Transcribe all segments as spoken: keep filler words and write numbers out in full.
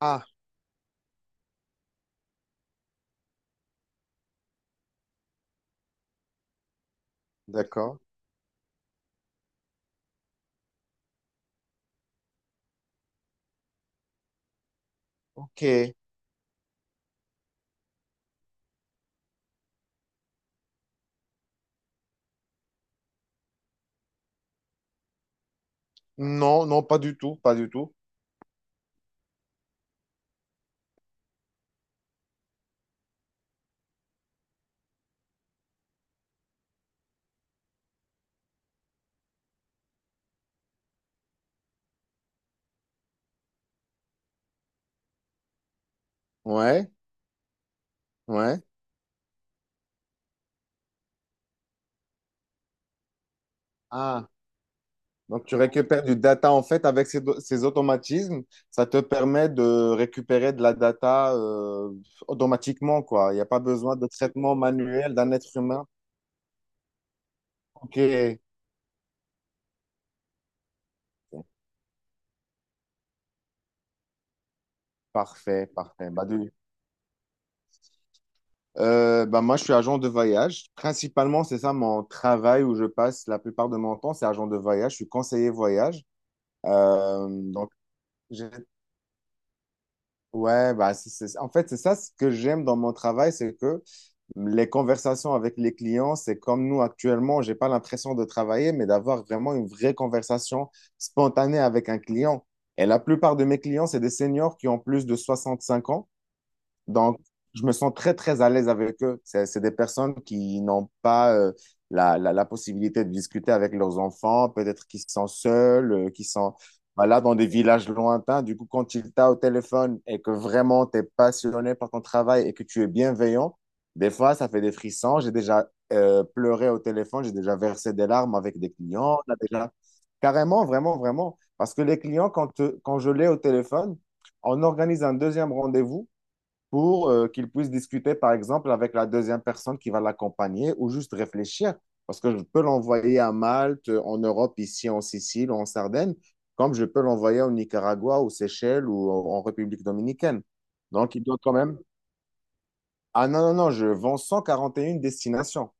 Ah, d'accord. Ok. Non, non, pas du tout, pas du tout. Ouais, ouais. Ah, donc tu récupères du data en fait avec ces, do- ces automatismes, ça te permet de récupérer de la data euh, automatiquement, quoi. Il n'y a pas besoin de traitement manuel d'un être humain. Ok, parfait, parfait. Bah, du- euh, bah, moi, je suis agent de voyage. Principalement, c'est ça mon travail où je passe la plupart de mon temps, c'est agent de voyage. Je suis conseiller voyage. Euh, donc, j'ai Ouais, bah c'est, c'est- en fait, c'est ça ce que j'aime dans mon travail, c'est que les conversations avec les clients, c'est comme nous actuellement, j'ai pas l'impression de travailler, mais d'avoir vraiment une vraie conversation spontanée avec un client. Et la plupart de mes clients, c'est des seniors qui ont plus de soixante-cinq ans. Donc, je me sens très, très à l'aise avec eux. C'est c'est des personnes qui n'ont pas euh, la, la, la possibilité de discuter avec leurs enfants, peut-être qui sont seuls, euh, qui sont voilà, dans des villages lointains. Du coup, quand ils t'ont au téléphone et que vraiment tu es passionné par ton travail et que tu es bienveillant, des fois, ça fait des frissons. J'ai déjà euh, pleuré au téléphone, j'ai déjà versé des larmes avec des clients. On a déjà... Carrément, vraiment, vraiment. Parce que les clients, quand, euh, quand je l'ai au téléphone, on organise un deuxième rendez-vous pour euh, qu'il puisse discuter, par exemple, avec la deuxième personne qui va l'accompagner ou juste réfléchir. Parce que je peux l'envoyer à Malte, en Europe, ici en Sicile ou en Sardaigne, comme je peux l'envoyer au Nicaragua, aux Seychelles ou en en République dominicaine. Donc, il doit quand même... Ah non, non, non, je vends cent quarante et une destinations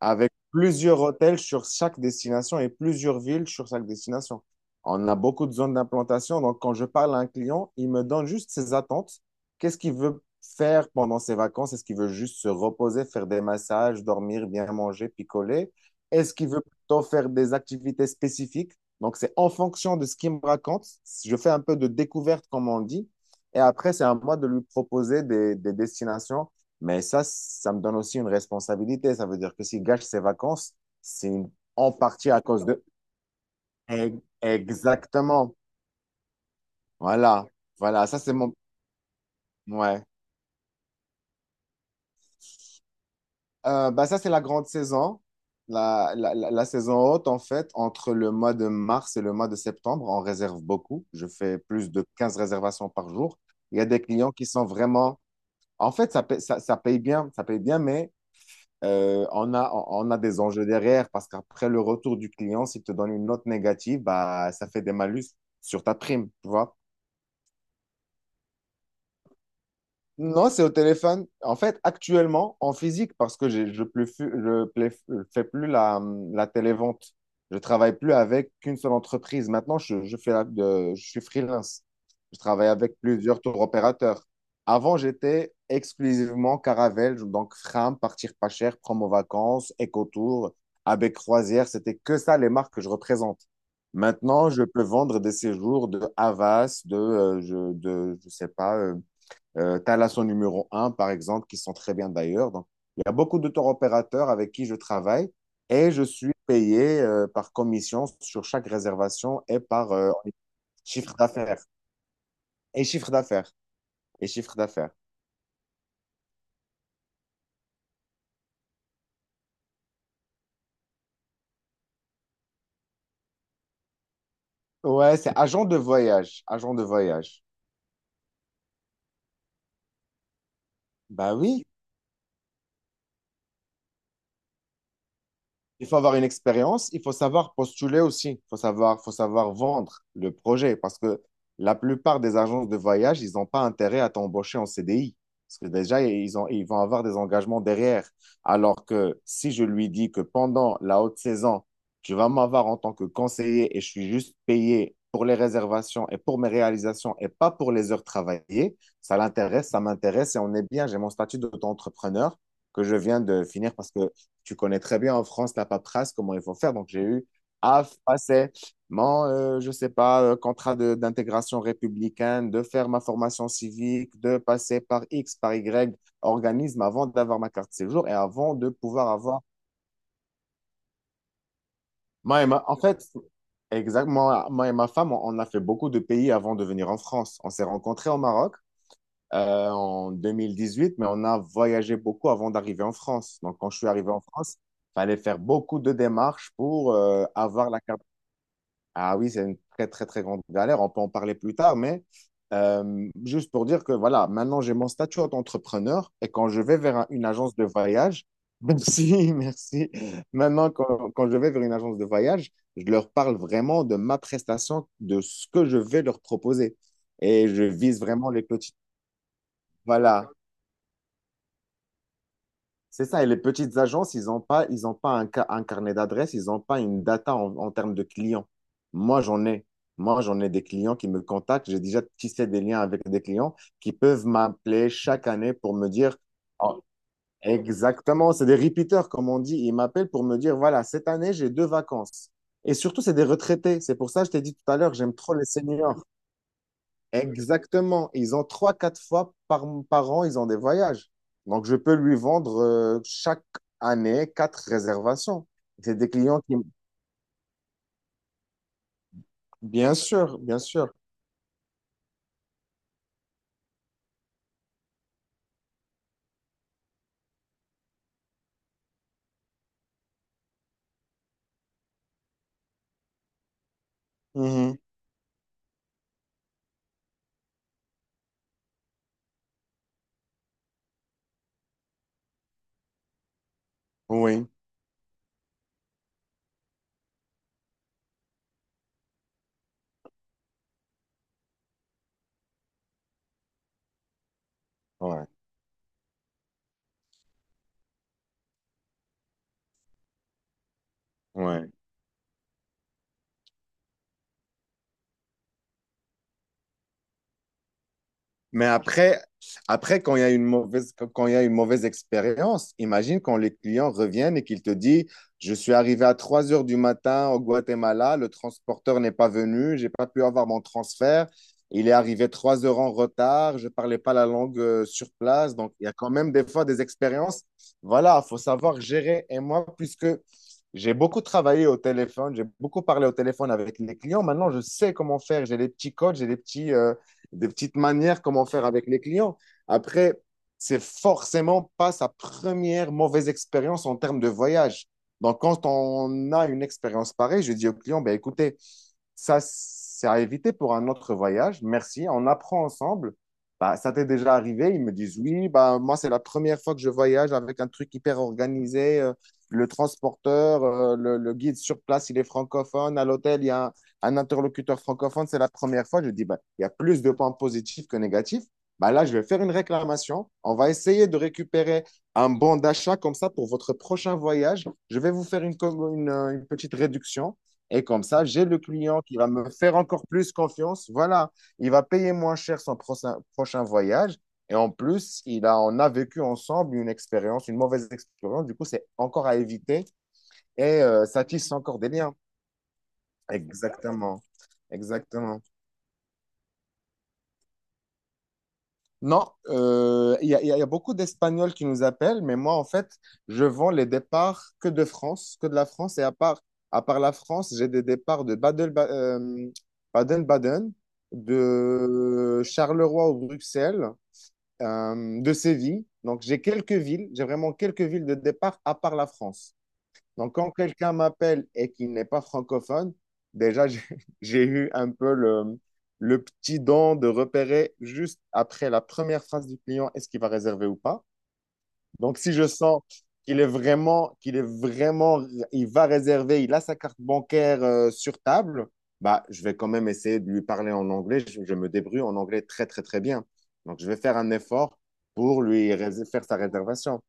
avec plusieurs hôtels sur chaque destination et plusieurs villes sur chaque destination. On a beaucoup de zones d'implantation, donc quand je parle à un client, il me donne juste ses attentes. Qu'est-ce qu'il veut faire pendant ses vacances? Est-ce qu'il veut juste se reposer, faire des massages, dormir, bien manger, picoler? Est-ce qu'il veut plutôt faire des activités spécifiques? Donc c'est en fonction de ce qu'il me raconte. Je fais un peu de découverte, comme on dit. Et après, c'est à moi de lui proposer des, des destinations mais ça, ça me donne aussi une responsabilité. Ça veut dire que s'il gâche ses vacances, c'est une- en partie à cause de... Eh, exactement. Voilà. Voilà. Ça, c'est mon... Ouais. Euh, bah, ça, c'est la grande saison. La, la, la, la saison haute, en fait, entre le mois de mars et le mois de septembre, on réserve beaucoup. Je fais plus de quinze réservations par jour. Il y a des clients qui sont vraiment... En fait, ça paye, ça, ça paye bien. Ça paye bien, mais Euh, on a, on a des enjeux derrière parce qu'après le retour du client, s'il te donne une note négative, bah, ça fait des malus sur ta prime, tu vois. Non, c'est au téléphone. En fait, actuellement, en physique, parce que j'ai- je ne je plais- je fais plus la, la télévente. Je travaille plus avec qu'une seule entreprise. Maintenant, je, je fais la- de- je suis freelance. Je travaille avec plusieurs tour opérateurs. Avant, j'étais exclusivement Caravelle, donc Fram, Partir Pas Cher, Promo Vacances, Ecotour, avec Croisière. C'était que ça les marques que je représente. Maintenant, je peux vendre des séjours de Havas, de, euh, je, de, je sais pas. euh, euh, tu as la son numéro un, par exemple, qui sont très bien d'ailleurs. Donc, il y a beaucoup de tour opérateurs avec qui je travaille et je suis payé euh, par commission sur chaque réservation et par euh, chiffre d'affaires. Et chiffre d'affaires. Et chiffre d'affaires. Ouais, c'est agent de voyage. Agent de voyage. Bah oui. Il faut avoir une expérience, il faut savoir postuler aussi, il faut savoir, faut savoir vendre le projet parce que la plupart des agences de voyage, ils n'ont pas intérêt à t'embaucher en C D I parce que déjà, ils ont, ils vont avoir des engagements derrière. Alors que si je lui dis que pendant la haute saison, tu vas m'avoir en tant que conseiller et je suis juste payé pour les réservations et pour mes réalisations et pas pour les heures travaillées, ça l'intéresse, ça m'intéresse et on est bien. J'ai mon statut d'auto-entrepreneur que je viens de finir parce que tu connais très bien en France la paperasse, comment il faut faire. Donc, j'ai eu à passer mon, euh, je sais pas, euh, contrat de- d'intégration républicaine, de faire ma formation civique, de passer par X, par Y organisme avant d'avoir ma carte de séjour et avant de pouvoir avoir... Moi et ma- En fait, exactement, moi et ma femme, on, on a fait beaucoup de pays avant de venir en France. On s'est rencontrés au Maroc euh, en deux mille dix-huit, mais on a voyagé beaucoup avant d'arriver en France. Donc, quand je suis arrivé en France, il fallait faire beaucoup de démarches pour euh, avoir la carte. Ah oui, c'est une très, très, très grande galère. On peut en parler plus tard, mais euh, juste pour dire que voilà, maintenant j'ai mon statut d'entrepreneur et quand je vais vers un- une agence de voyage, merci, merci. Maintenant, quand, quand je vais vers une agence de voyage, je leur parle vraiment de ma prestation, de ce que je vais leur proposer. Et je vise vraiment les petits. Voilà, c'est ça, et les petites agences, ils n'ont pas, ils ont pas un, ca- un carnet d'adresses, ils n'ont pas une data en, en termes de clients. Moi, j'en ai. Moi, j'en ai des clients qui me contactent. J'ai déjà tissé des liens avec des clients qui peuvent m'appeler chaque année pour me dire Oh, exactement, c'est des repeaters, comme on dit. Ils m'appellent pour me dire, voilà, cette année, j'ai deux vacances. Et surtout, c'est des retraités. C'est pour ça que je t'ai dit tout à l'heure, j'aime trop les seniors. Exactement. Ils ont trois, quatre fois par, par an, ils ont des voyages. Donc, je peux lui vendre euh, chaque année quatre réservations. C'est des clients qui... Bien sûr, bien sûr. Mhm. Oui, ouais, ouais. Mais après, après quand il y a une mauvaise, quand il y a une mauvaise expérience, imagine quand les clients reviennent et qu'ils te disent, je suis arrivé à trois heures du matin au Guatemala, le transporteur n'est pas venu, j'ai pas pu avoir mon transfert, il est arrivé trois heures en retard, je ne parlais pas la langue euh, sur place. Donc, il y a quand même des fois des expériences. Voilà, il faut savoir gérer. Et moi, puisque j'ai beaucoup travaillé au téléphone, j'ai beaucoup parlé au téléphone avec les clients, maintenant, je sais comment faire. J'ai des petits codes, j'ai des petits... euh, des petites manières comment faire avec les clients. Après, c'est forcément pas sa première mauvaise expérience en termes de voyage. Donc, quand on a une expérience pareille, je dis au client, ben, écoutez, ça, c'est à éviter pour un autre voyage. Merci, on apprend ensemble. Bah, ça t'est déjà arrivé? Ils me disent, oui, bah, moi, c'est la première fois que je voyage avec un truc hyper organisé. euh, Le transporteur, euh, le, le guide sur place, il est francophone. À l'hôtel, il y a un, un interlocuteur francophone, c'est la première fois, je dis, ben, il y a plus de points positifs que négatifs. Ben là, je vais faire une réclamation. On va essayer de récupérer un bon d'achat comme ça pour votre prochain voyage. Je vais vous faire une, une, euh, une petite réduction. Et comme ça, j'ai le client qui va me faire encore plus confiance. Voilà, il va payer moins cher son prochain, prochain voyage. Et en plus, il a, on a vécu ensemble une expérience, une mauvaise expérience. Du coup, c'est encore à éviter et euh, ça tisse encore des liens. Exactement, exactement. Non, euh, il y a, il y a- il y a beaucoup d'Espagnols qui nous appellent, mais moi, en fait, je vends les départs que de France, que de la France. Et à part, à part la France, j'ai des départs de Badel- Ba- euh, Baden-Baden, de Charleroi ou Bruxelles, euh, de Séville. Donc, j'ai quelques villes, j'ai vraiment quelques villes de départ à part la France. Donc, quand quelqu'un m'appelle et qu'il n'est pas francophone, déjà, j'ai j'ai eu un peu le, le petit don de repérer juste après la première phrase du client, est-ce qu'il va réserver ou pas. Donc, si je sens qu'il est vraiment, qu'il est vraiment, il va réserver, il a sa carte bancaire euh, sur table, bah, je vais quand même essayer de lui parler en anglais. Je, je me débrouille en anglais très, très, très bien. Donc, je vais faire un effort pour lui rés- faire sa réservation.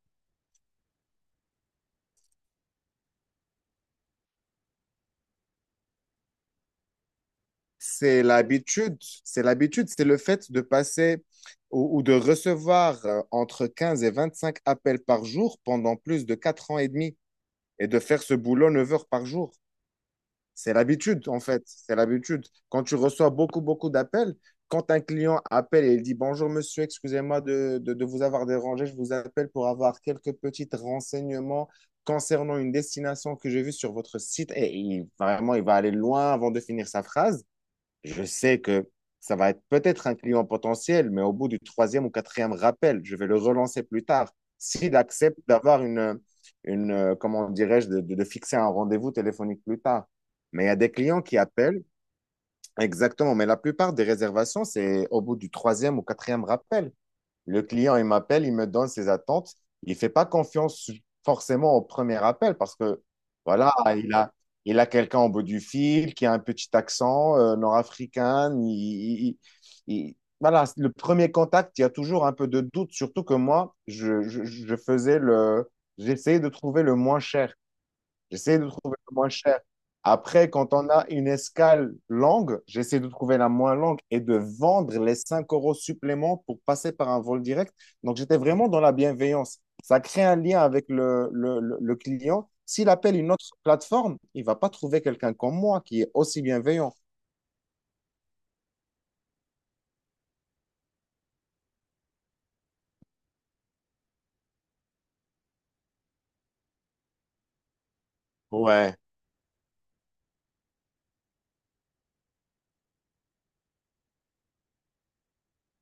C'est l'habitude, c'est l'habitude, c'est le fait de passer ou, ou de recevoir euh, entre quinze et vingt-cinq appels par jour pendant plus de quatre ans et demi et de faire ce boulot neuf heures par jour. C'est l'habitude, en fait, c'est l'habitude. Quand tu reçois beaucoup, beaucoup d'appels, quand un client appelle et il dit bonjour monsieur, excusez-moi de, de- de vous avoir dérangé, je vous appelle pour avoir quelques petits renseignements concernant une destination que j'ai vue sur votre site, et il- vraiment, il va aller loin avant de finir sa phrase. Je sais que ça va être peut-être un client potentiel, mais au bout du troisième ou quatrième rappel, je vais le relancer plus tard. S'il accepte d'avoir une, une, euh, comment dirais-je, de, de- de fixer un rendez-vous téléphonique plus tard. Mais il y a des clients qui appellent, exactement, mais la plupart des réservations, c'est au bout du troisième ou quatrième rappel. Le client, il m'appelle, il me donne ses attentes. Il ne fait pas confiance forcément au premier appel parce que, voilà, il a, il a quelqu'un au bout du fil qui a un petit accent euh, nord-africain. Il- il- il- il- voilà, le premier contact, il y a toujours un peu de doute, surtout que moi, je, je, je faisais le, j'essayais de trouver le moins cher. J'essaie de trouver le moins cher. Après, quand on a une escale longue, j'essaie de trouver la moins longue et de vendre les cinq euros supplément pour passer par un vol direct. Donc, j'étais vraiment dans la bienveillance. Ça crée un lien avec le, le, le- le client. S'il appelle une autre plateforme, il va pas trouver quelqu'un comme moi qui est aussi bienveillant. Ouais.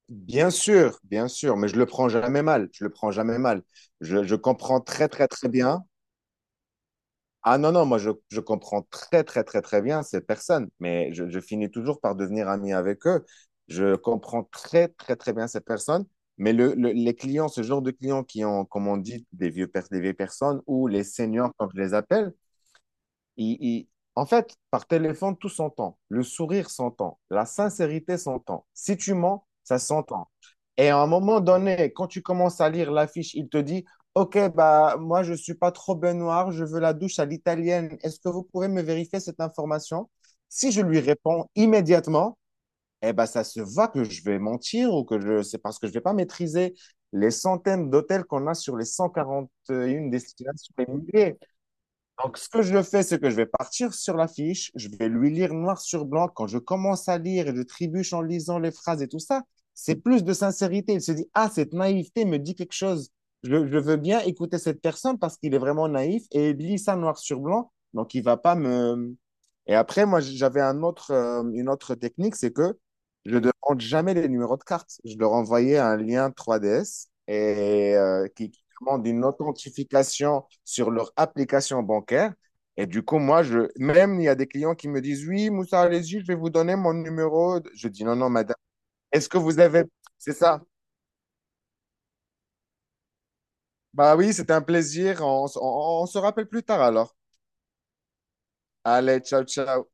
Bien sûr, bien sûr, mais je le prends jamais mal. Je le prends jamais mal. Je, je comprends très, très, très bien. Ah non, non, moi je, je comprends très, très, très, très bien ces personnes, mais je, je finis toujours par devenir ami avec eux. Je comprends très, très, très bien ces personnes, mais le, le- les clients, ce genre de clients qui ont, comme on dit, des vieux, pers- des vieilles personnes ou les seniors, comme je les appelle, il- il- en fait, par téléphone, tout s'entend. Le sourire s'entend. La sincérité s'entend. Si tu mens, ça s'entend. Et à un moment donné, quand tu commences à lire l'affiche, il te dit, OK, bah, moi, je ne suis pas trop ben noir, je veux la douche à l'italienne. Est-ce que vous pouvez me vérifier cette information? Si je lui réponds immédiatement, eh ben, ça se voit que je vais mentir ou que je, c'est parce que je ne vais pas maîtriser les centaines d'hôtels qu'on a sur les cent quarante et un destinations, les milliers. Donc, ce que je fais, c'est que je vais partir sur la fiche, je vais lui lire noir sur blanc. Quand je commence à lire et je trébuche en lisant les phrases et tout ça, c'est plus de sincérité. Il se dit, ah, cette naïveté me dit quelque chose. Je, je veux bien écouter cette personne parce qu'il est vraiment naïf et il lit ça noir sur blanc. Donc, il va pas me... Et après, moi, j'avais un autre, euh, une autre technique, c'est que je ne demande jamais les numéros de carte. Je leur envoyais un lien trois D S et, euh, qui, d'une authentification sur leur application bancaire. Et du coup, moi, je, même il y a des clients qui me disent, oui, Moussa, allez-y, je vais vous donner mon numéro. Je dis, non, non, madame, est-ce que vous avez... C'est ça. Bah oui, c'était un plaisir. On, s- on on se rappelle plus tard alors. Allez, ciao, ciao.